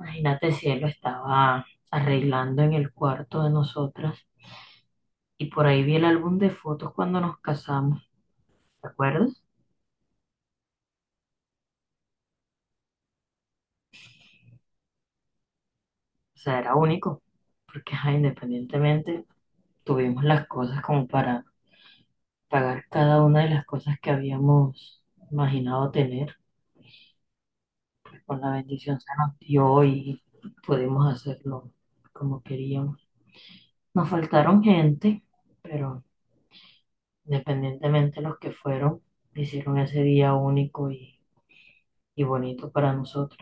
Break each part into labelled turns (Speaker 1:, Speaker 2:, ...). Speaker 1: Imagínate si él lo estaba arreglando en el cuarto de nosotras y por ahí vi el álbum de fotos cuando nos casamos, ¿te acuerdas? O sea, era único, porque ajá, independientemente tuvimos las cosas como para pagar cada una de las cosas que habíamos imaginado tener, pues con la bendición se nos dio y pudimos hacerlo como queríamos. Nos faltaron gente, pero independientemente, los que fueron hicieron ese día único y bonito para nosotros.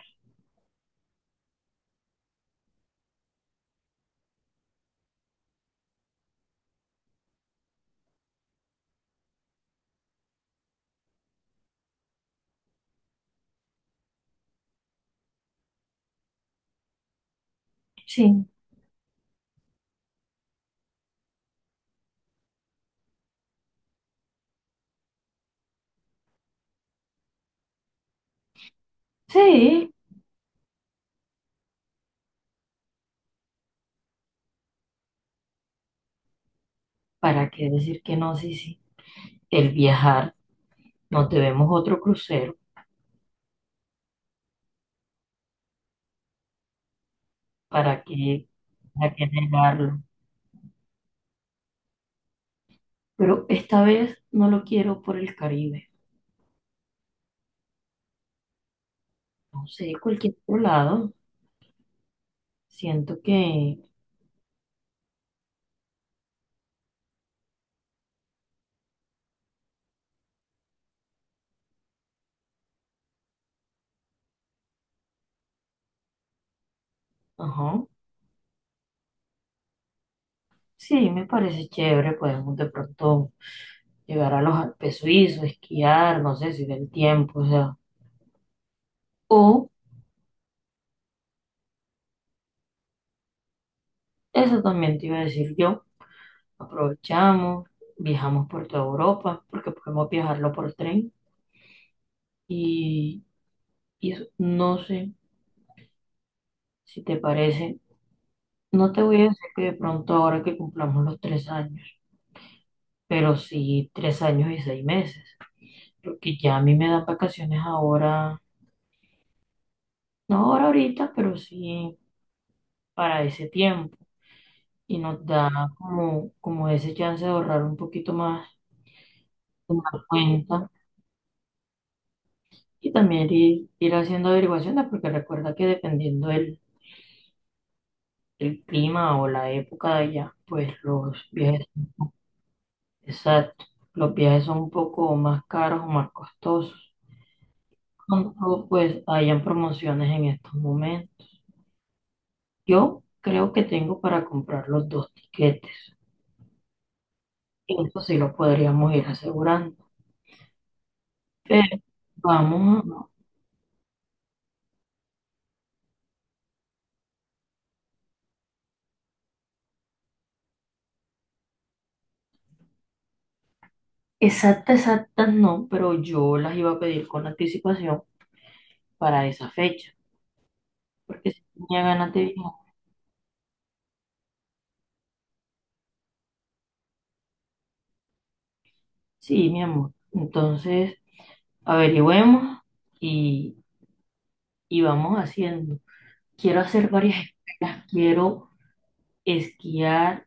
Speaker 1: Sí, sí, ¿para qué decir que no? Sí, sí. El viajar, nos debemos otro crucero, ¿para qué, para qué negarlo? Pero esta vez no lo quiero por el Caribe, no sé, cualquier otro lado. Siento que, ajá, sí, me parece chévere, podemos de pronto llegar a los Alpes suizos, esquiar, no sé si del tiempo, o sea. O Eso también te iba a decir yo. Aprovechamos, viajamos por toda Europa, porque podemos viajarlo por tren. Y, y eso, no sé si te parece, no te voy a decir que de pronto ahora que cumplamos los 3 años, pero sí 3 años y 6 meses, porque ya a mí me dan vacaciones ahora, no ahora ahorita, pero sí para ese tiempo. Y nos da como ese chance de ahorrar un poquito más en la cuenta. Y también ir haciendo averiguaciones, porque recuerda que dependiendo del clima o la época de allá, pues los viajes, exacto, los viajes son un poco más caros o más costosos. Cuando pues hayan promociones en estos momentos. Yo creo que tengo para comprar los dos tiquetes. Eso sí lo podríamos ir asegurando. Pero vamos. Exactas, exactas no, pero yo las iba a pedir con anticipación para esa fecha, porque si tenía ganas de viajar. Sí, mi amor. Entonces, averigüemos y, y vamos haciendo. Quiero hacer varias escalas, quiero esquiar,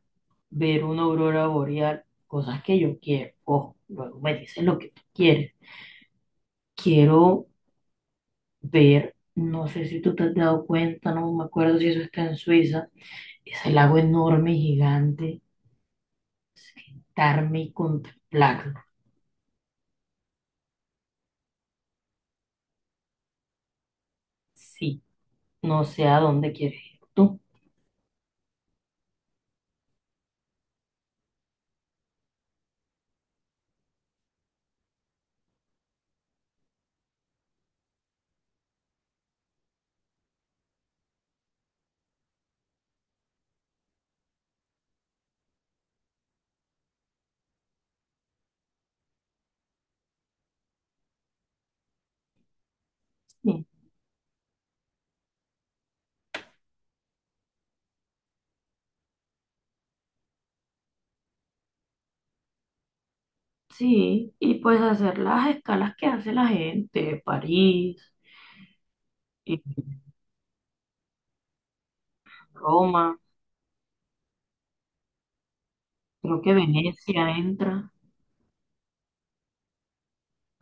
Speaker 1: ver una aurora boreal, cosas que yo quiero. Ojo, luego me dices lo que tú quieres. Quiero ver, no sé si tú te has dado cuenta, no me acuerdo si eso está en Suiza, ese lago enorme y gigante, sentarme y contemplarlo. Sí, no sé a dónde quieres ir tú. Sí. Sí, y pues hacer las escalas que hace la gente, París, y Roma, creo que Venecia entra,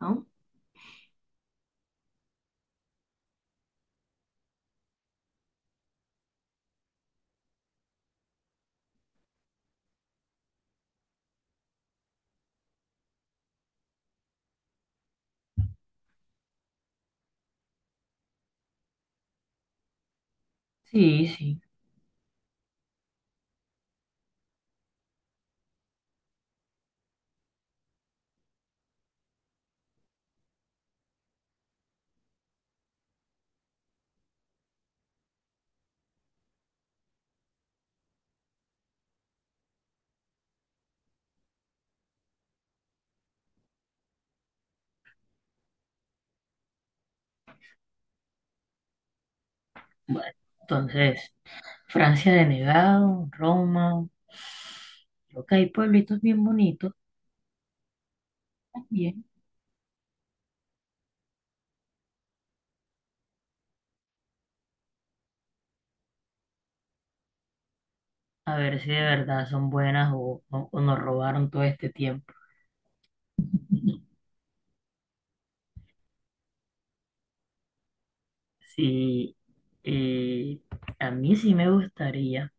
Speaker 1: ¿no? Sí, sí. Bueno, entonces, Francia denegado, Roma. Creo que hay pueblitos bien bonitos también. A ver si de verdad son buenas o nos robaron todo este tiempo. Sí, eh, a mí sí me gustaría.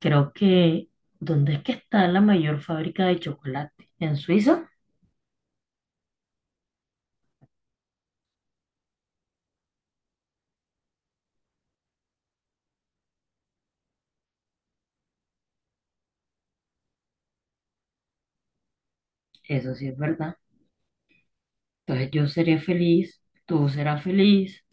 Speaker 1: Creo que, ¿dónde es que está la mayor fábrica de chocolate? ¿En Suiza? Eso sí es verdad. Entonces yo seré feliz, tú serás feliz,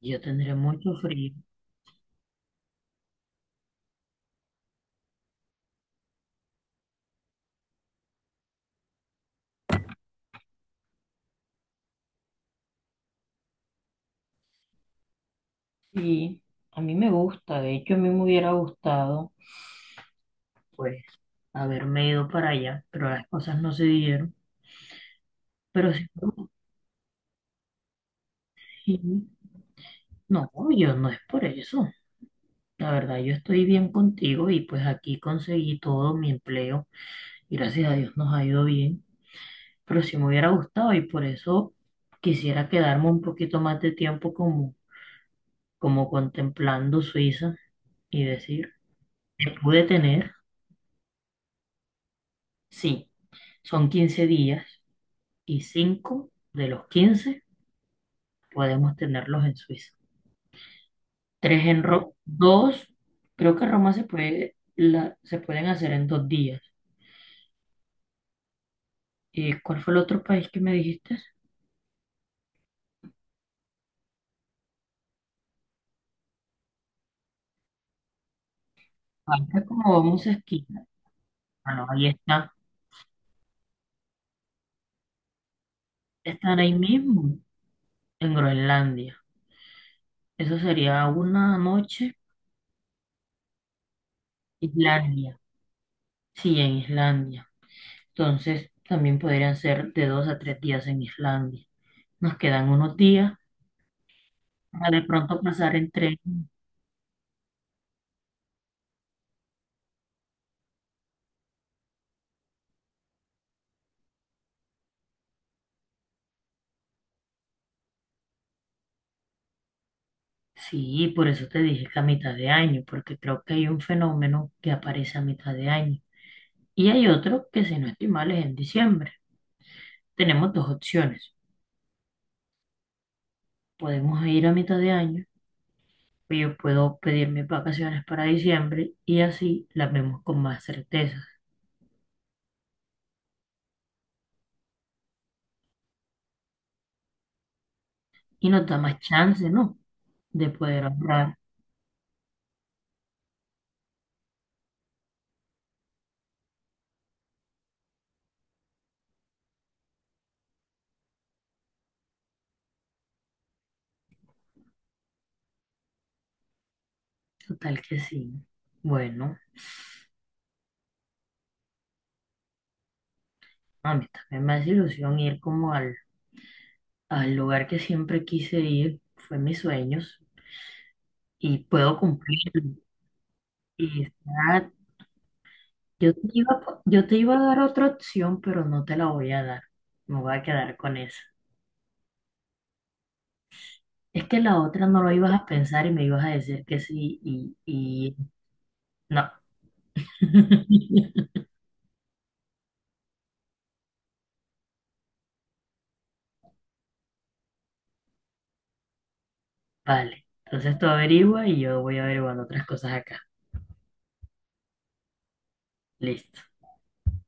Speaker 1: yo tendré mucho frío. Y a mí me gusta, de hecho a mí me hubiera gustado, pues, haberme ido para allá, pero las cosas no se dieron. Pero sí, me no, yo no es por eso. La verdad, yo estoy bien contigo y pues aquí conseguí todo mi empleo. Gracias a Dios nos ha ido bien. Pero sí me hubiera gustado y por eso quisiera quedarme un poquito más de tiempo como contemplando Suiza y decir, me pude tener, sí, son 15 días y 5 de los 15 podemos tenerlos en Suiza. Tres en Roma, dos, creo que Roma se puede, se pueden hacer en 2 días. ¿Y cuál fue el otro país que me dijiste? Ahorita como vamos a esquiar, bueno, ahí está, están ahí mismo, en Groenlandia. Eso sería una noche. Islandia, sí, en Islandia. Entonces, también podrían ser de 2 a 3 días en Islandia. Nos quedan unos días para de pronto pasar en tren. Sí, por eso te dije que a mitad de año, porque creo que hay un fenómeno que aparece a mitad de año. Y hay otro que, si no estoy mal, es en diciembre. Tenemos dos opciones. Podemos ir a mitad de año, o yo puedo pedir mis vacaciones para diciembre y así las vemos con más certeza. Y nos da más chance, ¿no? De poder ahorrar. Total que sí. Bueno, a mí también me hace ilusión ir como al lugar que siempre quise ir, fue mis sueños y puedo cumplirlo. Y está- yo te iba a dar otra opción, pero no te la voy a dar. Me voy a quedar con esa. Es que la otra no lo ibas a pensar y me ibas a decir que sí y no. Vale, entonces tú averigua y yo voy averiguando otras cosas acá. Listo.